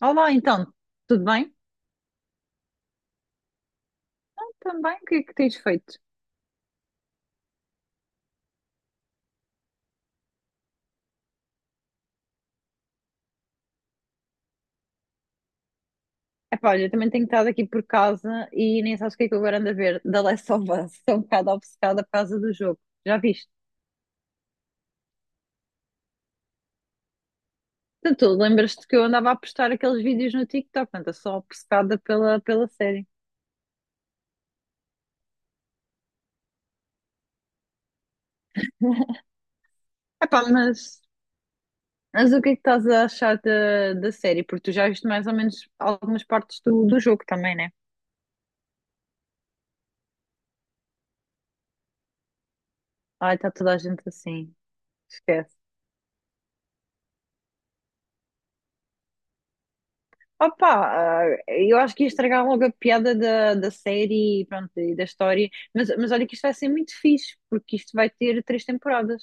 Olá, então, tudo bem? Também, o que é que tens feito? Epá, olha, eu também tenho estado aqui por casa e nem sabes o que é que eu agora ando a ver. The Last of Us, estou um bocado obcecada por causa do jogo, já viste? Portanto, tu lembras-te que eu andava a postar aqueles vídeos no TikTok, portanto, eu sou obcecada pela série. Epá, mas o que é que estás a achar da série? Porque tu já viste mais ou menos algumas partes do jogo também, né? Ai, está toda a gente assim, esquece. Opa, eu acho que ia estragar logo a piada da série e pronto, e da história, mas olha que isto vai ser muito fixe, porque isto vai ter três temporadas.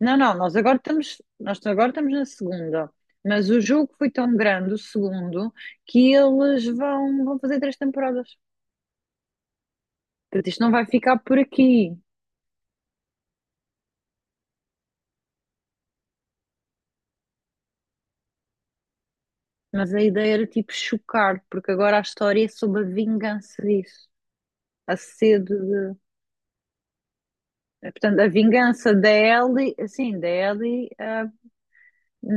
Não, não, nós agora estamos na segunda, mas o jogo foi tão grande, o segundo, que eles vão fazer três temporadas. Portanto, isto não vai ficar por aqui, mas a ideia era tipo chocar, porque agora a história é sobre a vingança disso, a sede de... Portanto, a vingança da Ellie, assim, da Ellie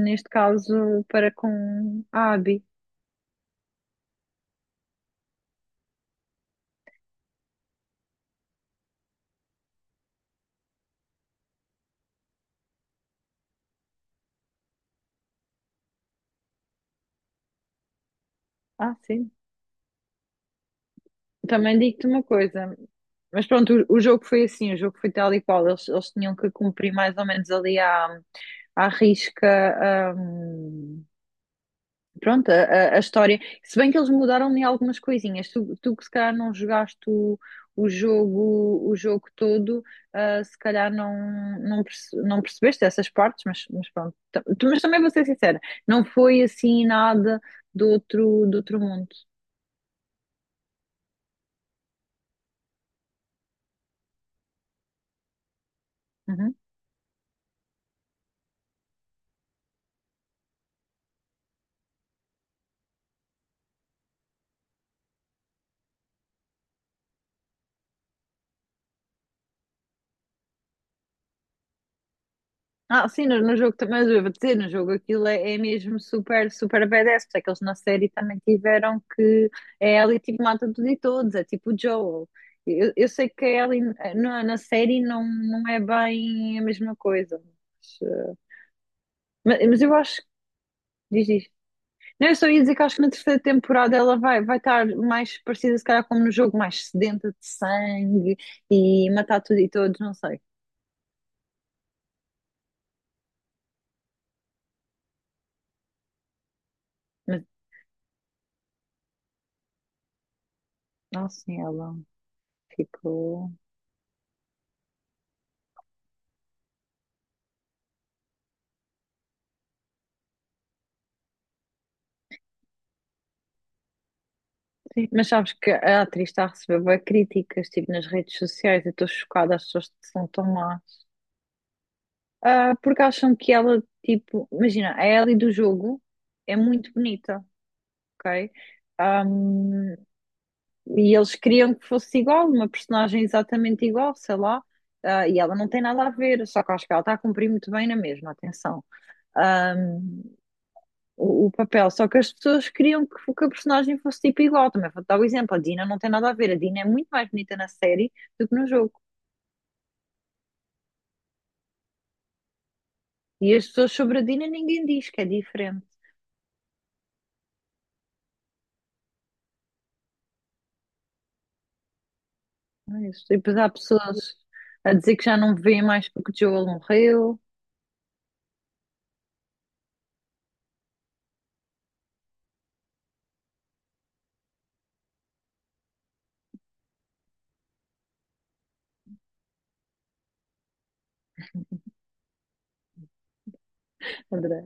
neste caso para com a Abi. Ah, sim. Também digo-te uma coisa, mas pronto, o jogo foi assim, o jogo foi tal e qual, eles tinham que cumprir mais ou menos ali à risca, hum, pronto, a história. Se bem que eles mudaram em algumas coisinhas. Tu que se calhar não jogaste o jogo todo, ah, se calhar não percebeste essas partes, mas pronto. Mas também vou ser sincera, não foi assim nada do outro, do outro mundo. Uhum. Ah, sim, no jogo também, mas eu vou dizer, no jogo aquilo é mesmo super, super badass, porque é que eles na série também tiveram que é a Ellie tipo mata tudo e todos, é tipo o Joel. Eu sei que a Ellie na na série não é bem a mesma coisa, mas, mas eu acho que diz isto. Não, eu só ia dizer que acho que na terceira temporada ela vai estar mais parecida, se calhar, como no jogo, mais sedenta de sangue e matar tudo e todos, não sei. Mas, nossa, ela ficou. Sim, mas sabes que a atriz está a receber bué críticas, tipo, nas redes sociais, eu estou chocada, as pessoas são tão más. Ah, porque acham que ela, tipo, imagina, a Ellie do jogo é muito bonita, ok? Ahm, e eles queriam que fosse igual, uma personagem exatamente igual, sei lá, ah, e ela não tem nada a ver, só que acho que ela está a cumprir muito bem na mesma, atenção. O papel. Só que as pessoas queriam que a personagem fosse tipo igual. Também vou dar o exemplo: a Dina não tem nada a ver. A Dina é muito mais bonita na série do que no jogo. E as pessoas sobre a Dina ninguém diz que é diferente. Não é isso? E depois há pessoas a dizer que já não vê mais porque o Joel morreu. Adorei.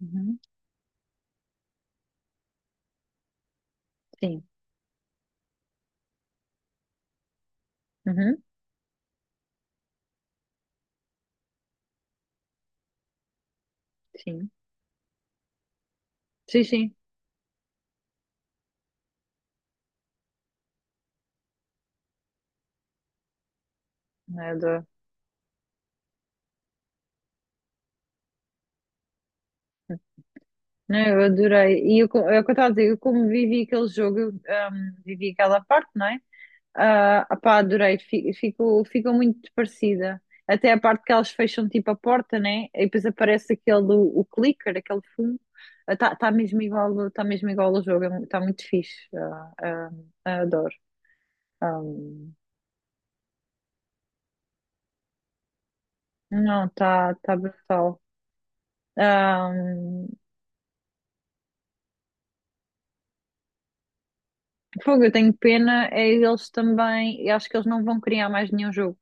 Uhum. Sim. Uhum. Sim. Sim, sim. Eu adoro. Não, eu adorei. É o que eu estava a dizer, eu como vivi aquele jogo, eu vivi aquela parte, não é? Ah, pá, adorei, fico, ficou muito parecida. Até a parte que elas fecham tipo a porta, né? E depois aparece aquele o clicker, aquele fumo. Está tá tá mesmo igual ao jogo, está muito fixe. Adoro. Ah, não, está tá tá brutal. Ah, fogo, eu tenho pena, é eles também. Eu acho que eles não vão criar mais nenhum jogo.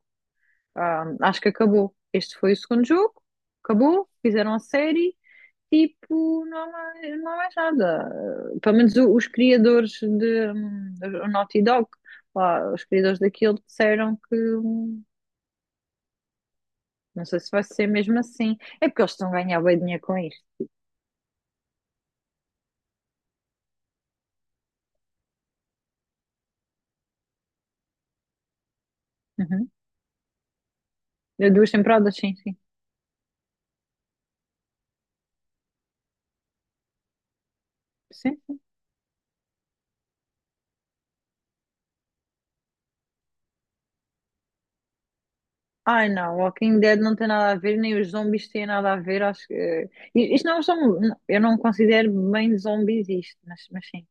Ah, acho que acabou. Este foi o segundo jogo, acabou, fizeram a série. Tipo, não há mais, não há mais nada. Pelo menos os criadores de o Naughty Dog, lá, os criadores daquilo disseram que não sei se vai ser mesmo assim. É porque eles estão a ganhar bem dinheiro com isto. Uhum. Duas temporadas, sim, sim. Sim. Ai não, Walking Dead não tem nada a ver, nem os zombies têm nada a ver. Acho que. Isto não são. Eu não considero bem zombies isto, mas sim.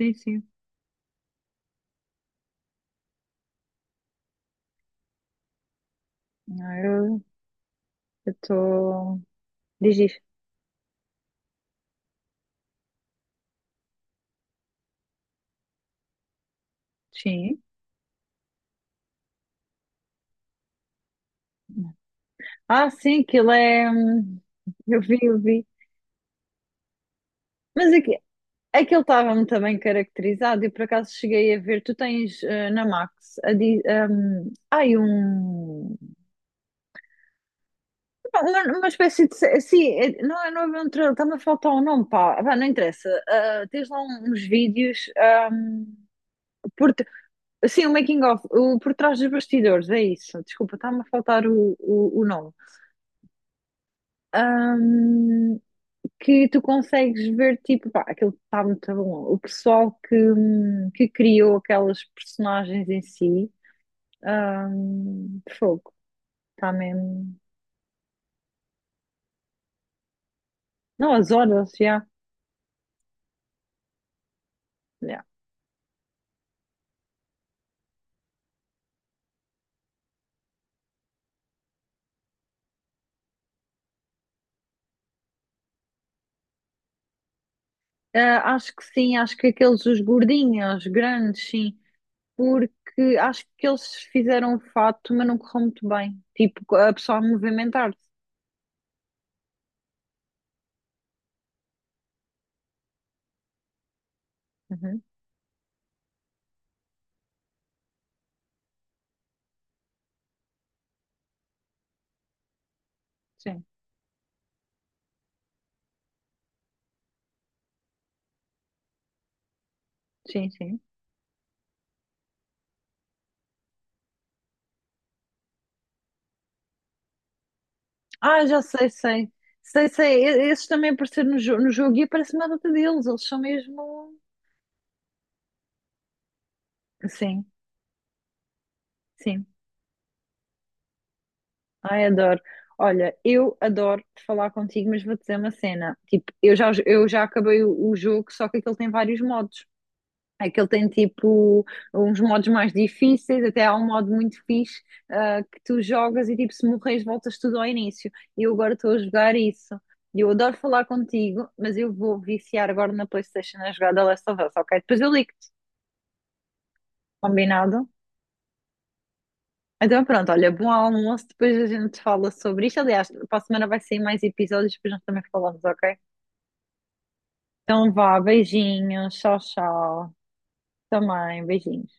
Sim, sim. Não, eu estou. Diz isto. Sim. Ah, sim, aquilo é. Eu vi, eu vi. Mas aqui, aquilo estava muito bem caracterizado e por acaso cheguei a ver. Tu tens na Max a di- ai, um, uma espécie de. Sim, não é um trailer, está-me a faltar o nome, pá. Vá, não interessa. Ah, tens lá uns vídeos. hum, por, t- sim, o making of, o por trás dos bastidores, é isso. Desculpa, está-me a faltar o nome. Hum, que tu consegues ver, tipo, pá, aquilo está muito bom. O pessoal que criou aquelas personagens em si, fogo, está mesmo. Não, as horas, já. Já. Ah, acho que sim, acho que aqueles, os gordinhos, os grandes, sim, porque acho que eles fizeram o fato, mas não correu muito bem. Tipo, a pessoa a movimentar-se. Uhum, sim, sim, sim. Ah, já sei, sei. Sei, sei, esses também apareceram no jogo e aparece uma data deles, eles são mesmo. Sim, sim. Ai, adoro. Olha, eu adoro falar contigo, mas vou te dizer uma cena. Tipo, eu já acabei o jogo, só que aquele tem vários modos. Aquele tem tipo uns modos mais difíceis, até há um modo muito fixe, ah, que tu jogas e tipo, se morres, voltas tudo ao início. E eu agora estou a jogar isso. E eu adoro falar contigo, mas eu vou viciar agora na PlayStation a jogar The Last of Us, ok? Depois eu ligo-te, combinado? Então pronto, olha, bom almoço, depois a gente fala sobre isto. Aliás, para a semana vai sair mais episódios, depois nós também falamos, ok? Então vá, beijinhos, tchau, tchau. Também, beijinhos.